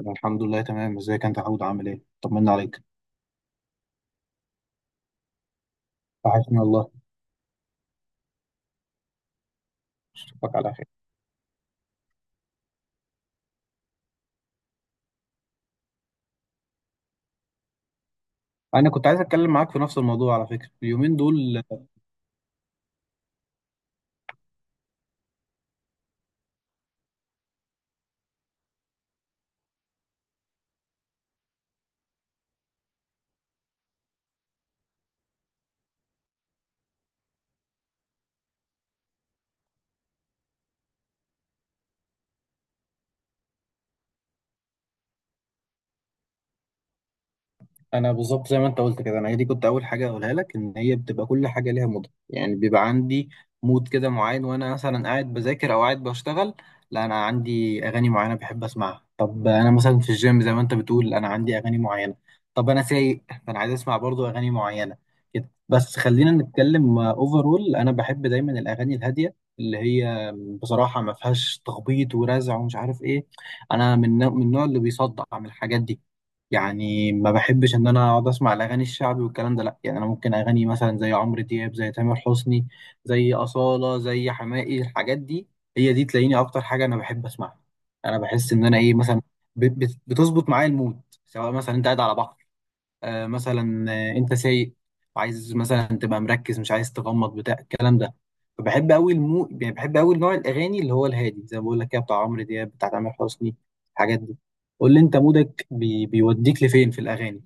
أنا الحمد لله تمام، ازيك أنت يا حود؟ عامل إيه؟ طمنا عليك. وحشني والله. أشوفك على خير. أنا كنت عايز أتكلم معاك في نفس الموضوع على فكرة اليومين دول. انا بالظبط زي ما انت قلت كده، انا هي دي كنت اول حاجه اقولها لك، ان هي بتبقى كل حاجه ليها مود، يعني بيبقى عندي مود كده معين وانا مثلا قاعد بذاكر او قاعد بشتغل. لا انا عندي اغاني معينه بحب اسمعها. طب انا مثلا في الجيم زي ما انت بتقول انا عندي اغاني معينه. طب انا سايق فانا عايز اسمع برضو اغاني معينه كده. بس خلينا نتكلم اوفرول، انا بحب دايما الاغاني الهاديه اللي هي بصراحه ما فيهاش تخبيط ورزع ومش عارف ايه. انا من النوع اللي بيصدع من الحاجات دي. يعني ما بحبش ان انا اقعد اسمع الاغاني الشعبي والكلام ده. لا يعني انا ممكن اغاني مثلا زي عمرو دياب، زي تامر حسني، زي اصاله، زي حماقي، الحاجات دي هي دي تلاقيني اكتر حاجه انا بحب اسمعها. انا بحس ان انا ايه مثلا بتظبط معايا المود. سواء مثلا انت قاعد على بحر، مثلا انت سايق وعايز مثلا تبقى مركز، مش عايز تغمض، بتاع الكلام ده. فبحب قوي المو يعني بحب قوي نوع الاغاني اللي هو الهادي، زي ما بقول لك كده، بتاع عمرو دياب، بتاع تامر حسني، الحاجات دي. قول لي انت مودك بيوديك لفين في الاغاني؟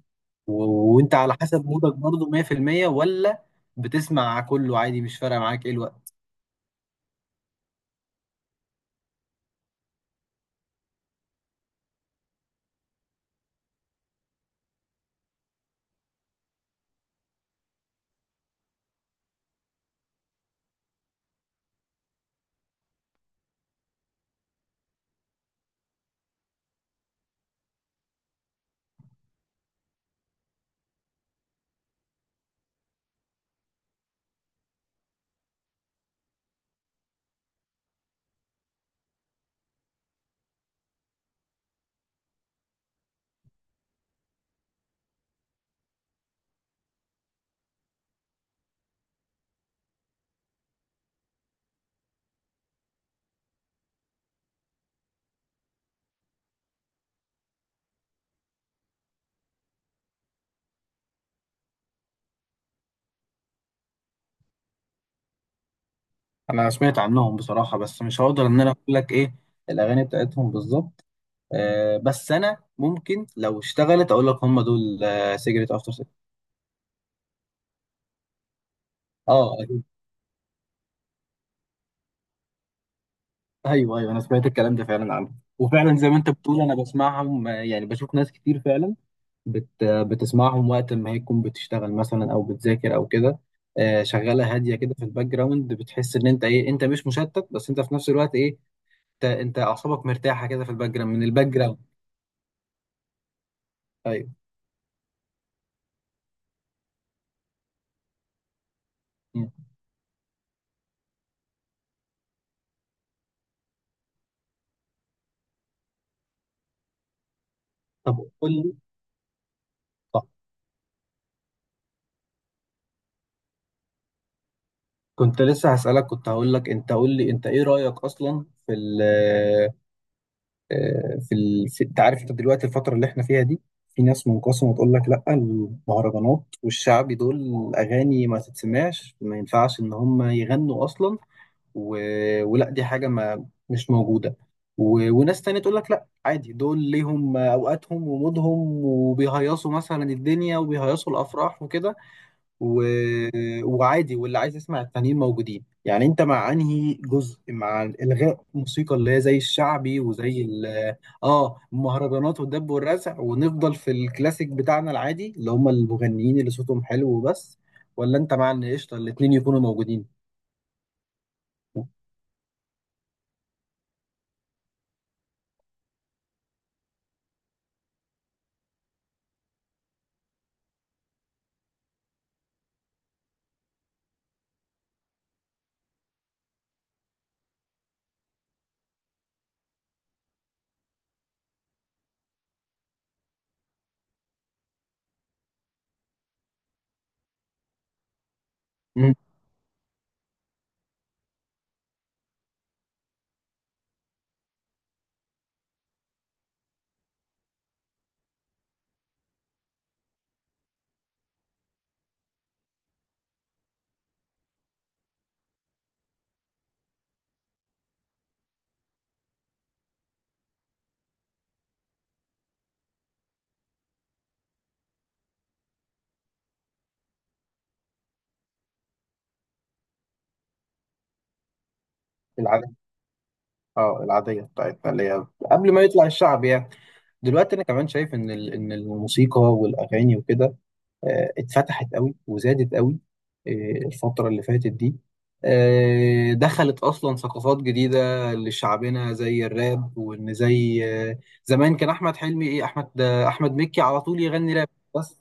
و... وانت على حسب مودك برضه 100% ولا بتسمع كله عادي، مش فارقه معاك ايه الوقت؟ انا سمعت عنهم بصراحه، بس مش هقدر ان انا اقول لك ايه الاغاني بتاعتهم بالظبط. آه بس انا ممكن لو اشتغلت اقول لك هم دول، آه سيجرت افتر. اه ايوه ايوه، انا سمعت الكلام ده فعلا عنه. وفعلا زي ما انت بتقول انا بسمعهم، يعني بشوف ناس كتير فعلا بت آه، بتسمعهم وقت ما هي تكون بتشتغل مثلا او بتذاكر او كده. شغاله هاديه كده في الباك جراوند، بتحس ان انت ايه، انت مش مشتت، بس انت في نفس الوقت ايه، انت اعصابك مرتاحه كده في الباك جراوند من الباك جراوند. ايوه. مم. طب قول لي، صح كنت لسه هسألك، كنت هقول لك انت قول لي انت ايه رأيك اصلا في ال آه، في ال... في... انت عارف انت دلوقتي الفترة اللي احنا فيها دي، في ناس منقسمة تقول لك لا المهرجانات والشعبي دول أغاني ما تتسمعش، ما ينفعش إن هم يغنوا أصلا، و... ولا دي حاجة ما مش موجودة، وناس تانية تقول لك لا عادي، دول ليهم أوقاتهم ومودهم وبيهيصوا مثلا الدنيا وبيهيصوا الأفراح وكده، و... وعادي واللي عايز يسمع التانيين موجودين. يعني انت مع انهي جزء، مع الغاء الموسيقى اللي هي زي الشعبي وزي اه المهرجانات والدب والرزع، ونفضل في الكلاسيك بتاعنا العادي اللي هم المغنيين اللي صوتهم حلو وبس؟ ولا انت مع ان قشطه الاتنين يكونوا موجودين؟ مم. العادية. اه العادية بتاعتنا اللي هي قبل ما يطلع الشعب يعني. دلوقتي انا كمان شايف ان ان الموسيقى والاغاني وكده اتفتحت قوي وزادت قوي آه، الفترة اللي فاتت دي. دخلت أصلا ثقافات جديدة لشعبنا زي الراب، وإن زي آه، زمان كان أحمد حلمي إيه، أحمد أحمد مكي على طول يغني راب. بس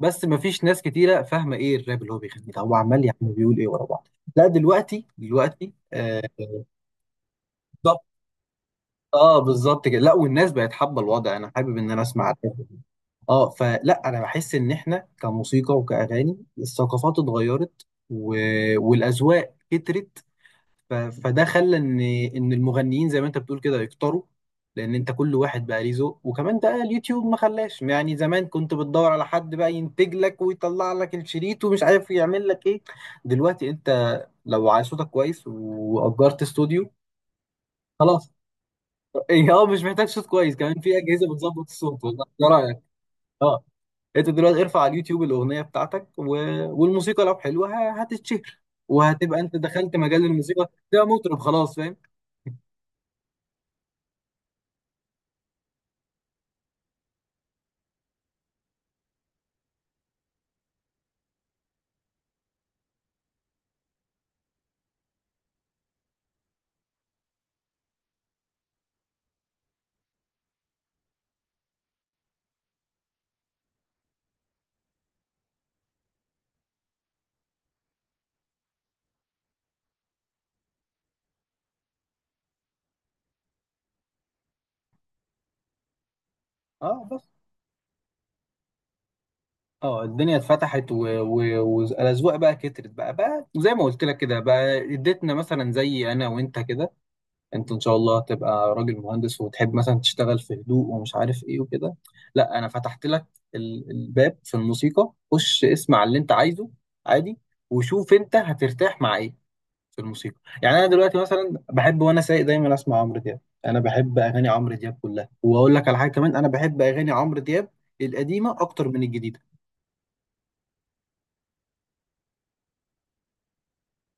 بس مفيش ناس كتيرة فاهمة إيه الراب اللي هو بيغني ده، هو عمال يا عم بيقول إيه ورا بعض. لا دلوقتي بالظبط. اه بالظبط كده، لا والناس بقت حابة الوضع، أنا حابب إن أنا أسمع. اه فلا انا بحس ان احنا كموسيقى وكاغاني الثقافات اتغيرت والاذواق كترت. فده خلى ان المغنيين زي ما انت بتقول كده يكتروا، لان انت كل واحد بقى ليه ذوق، وكمان ده اليوتيوب ما خلاش، يعني زمان كنت بتدور على حد بقى ينتج لك ويطلع لك الشريط ومش عارف يعمل لك ايه. دلوقتي انت لو عايز صوتك كويس واجرت استوديو خلاص. إيه، اه مش محتاج صوت كويس، كمان في اجهزه بتظبط الصوت، ولا إيه رايك؟ اه انت دلوقتي ارفع على اليوتيوب الاغنيه بتاعتك والموسيقى لو حلوه هتتشهر، وهتبقى انت دخلت مجال الموسيقى ده، مطرب خلاص، فاهم. اه بس، اه الدنيا اتفتحت والاذواق بقى كترت بقى، بقى زي ما قلت لك كده، بقى اديتنا مثلا زي انا وانت كده، انت ان شاء الله تبقى راجل مهندس وتحب مثلا تشتغل في هدوء ومش عارف ايه وكده. لا انا فتحت لك الباب في الموسيقى، خش اسمع اللي انت عايزه عادي، وشوف انت هترتاح مع ايه في الموسيقى. يعني انا دلوقتي مثلا بحب وانا سايق دايما اسمع عمرو دياب. انا بحب اغاني عمرو دياب كلها، واقول لك على حاجه كمان، انا بحب اغاني عمرو دياب القديمه اكتر من الجديده.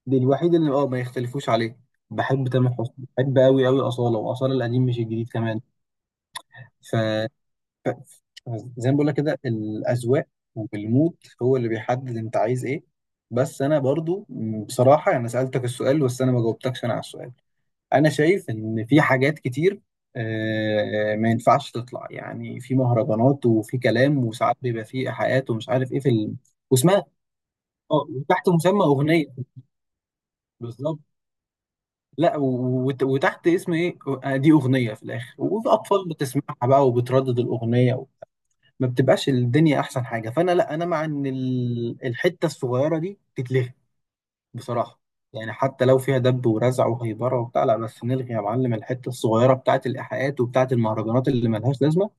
دي الوحيد اللي اه ما يختلفوش عليه. بحب تامر حسني، بحب قوي قوي اصاله، واصاله القديم مش الجديد كمان. ف زي ما بقول لك كده الاذواق والمود هو اللي بيحدد انت عايز ايه. بس انا برضو بصراحه انا سالتك السؤال بس انا ما جاوبتكش انا على السؤال. انا شايف ان في حاجات كتير ما ينفعش تطلع، يعني في مهرجانات وفي كلام وساعات بيبقى في ايحاءات ومش عارف ايه في واسمها اه، وتحت مسمى اغنيه، بالظبط. لا وتحت اسم ايه، دي اغنيه في الاخر، وفي اطفال بتسمعها بقى وبتردد الاغنيه ما بتبقاش الدنيا احسن حاجه. فانا لا، انا مع ان الحته الصغيره دي تتلغي، بصراحة. يعني حتى لو فيها دب ورزع وهيبرة وبتاع، لا بس نلغي يا معلم الحتة الصغيرة بتاعة الإيحاءات وبتاعة المهرجانات اللي ملهاش لازمة.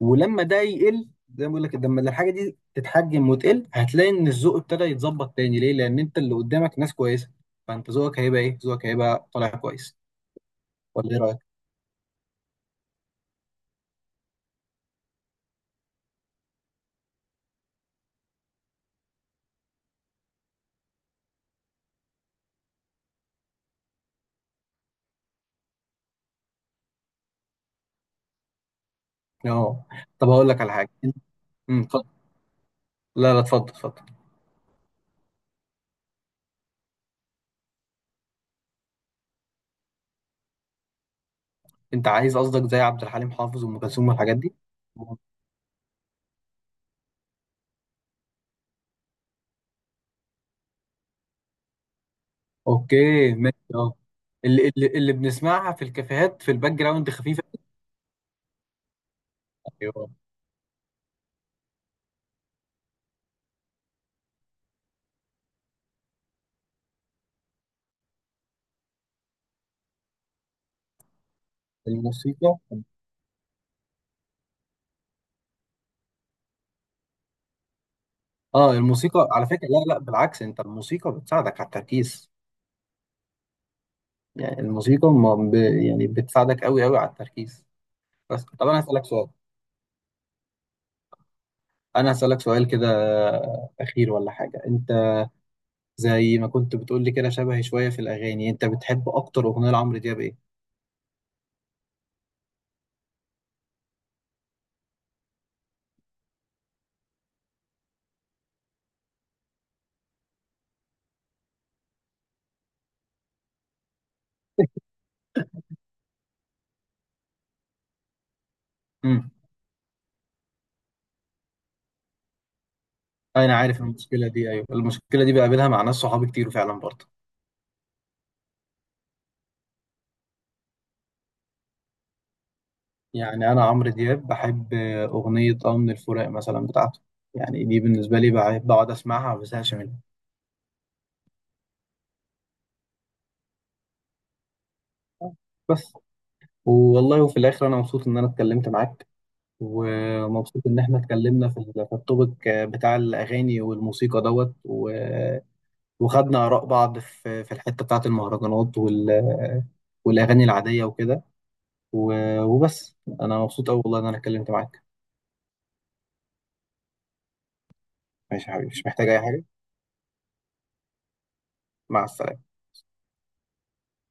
ولما ده يقل، زي ما بقول لك، لما الحاجة دي تتحجم وتقل، هتلاقي إن الذوق ابتدى يتظبط تاني. ليه؟ لأن أنت اللي قدامك ناس كويسة، فأنت ذوقك هيبقى إيه؟ ذوقك هيبقى طالع كويس. ولا إيه رأيك؟ أه. طب هقول لك على حاجة. أمم، اتفضل. لا لا اتفضل اتفضل. أنت عايز قصدك زي عبد الحليم حافظ وأم كلثوم والحاجات دي؟ اوكي ماشي اه. اللي بنسمعها في الكافيهات في الباك جراوند خفيفه. أيوة. الموسيقى. اه الموسيقى على فكره، لا لا بالعكس، انت الموسيقى بتساعدك على التركيز. يعني الموسيقى ما ب... يعني بتساعدك قوي قوي على التركيز. بس طب انا هسالك سؤال، كده اخير ولا حاجه، انت زي ما كنت بتقول لي كده شبهي شويه في الاغاني، انت بتحب اكتر اغنيه لعمرو دياب ايه؟ امم. انا عارف المشكله دي، ايوه المشكله دي بقابلها مع ناس صحابي كتير فعلا برضه. يعني أنا عمرو دياب بحب أغنية آه من الفراق مثلا بتاعته، يعني دي بالنسبة لي بقعد أسمعها ما بزهقش منها. بس، والله وفي الآخر أنا مبسوط إن أنا اتكلمت معاك، ومبسوط إن إحنا اتكلمنا في في التوبيك بتاع الأغاني والموسيقى دوت وخدنا آراء بعض في في الحتة بتاعة المهرجانات والأغاني العادية وكده. وبس أنا مبسوط أوي والله إن أنا اتكلمت معاك. ماشي يا حبيبي، مش محتاج أي حاجة. مع السلامة.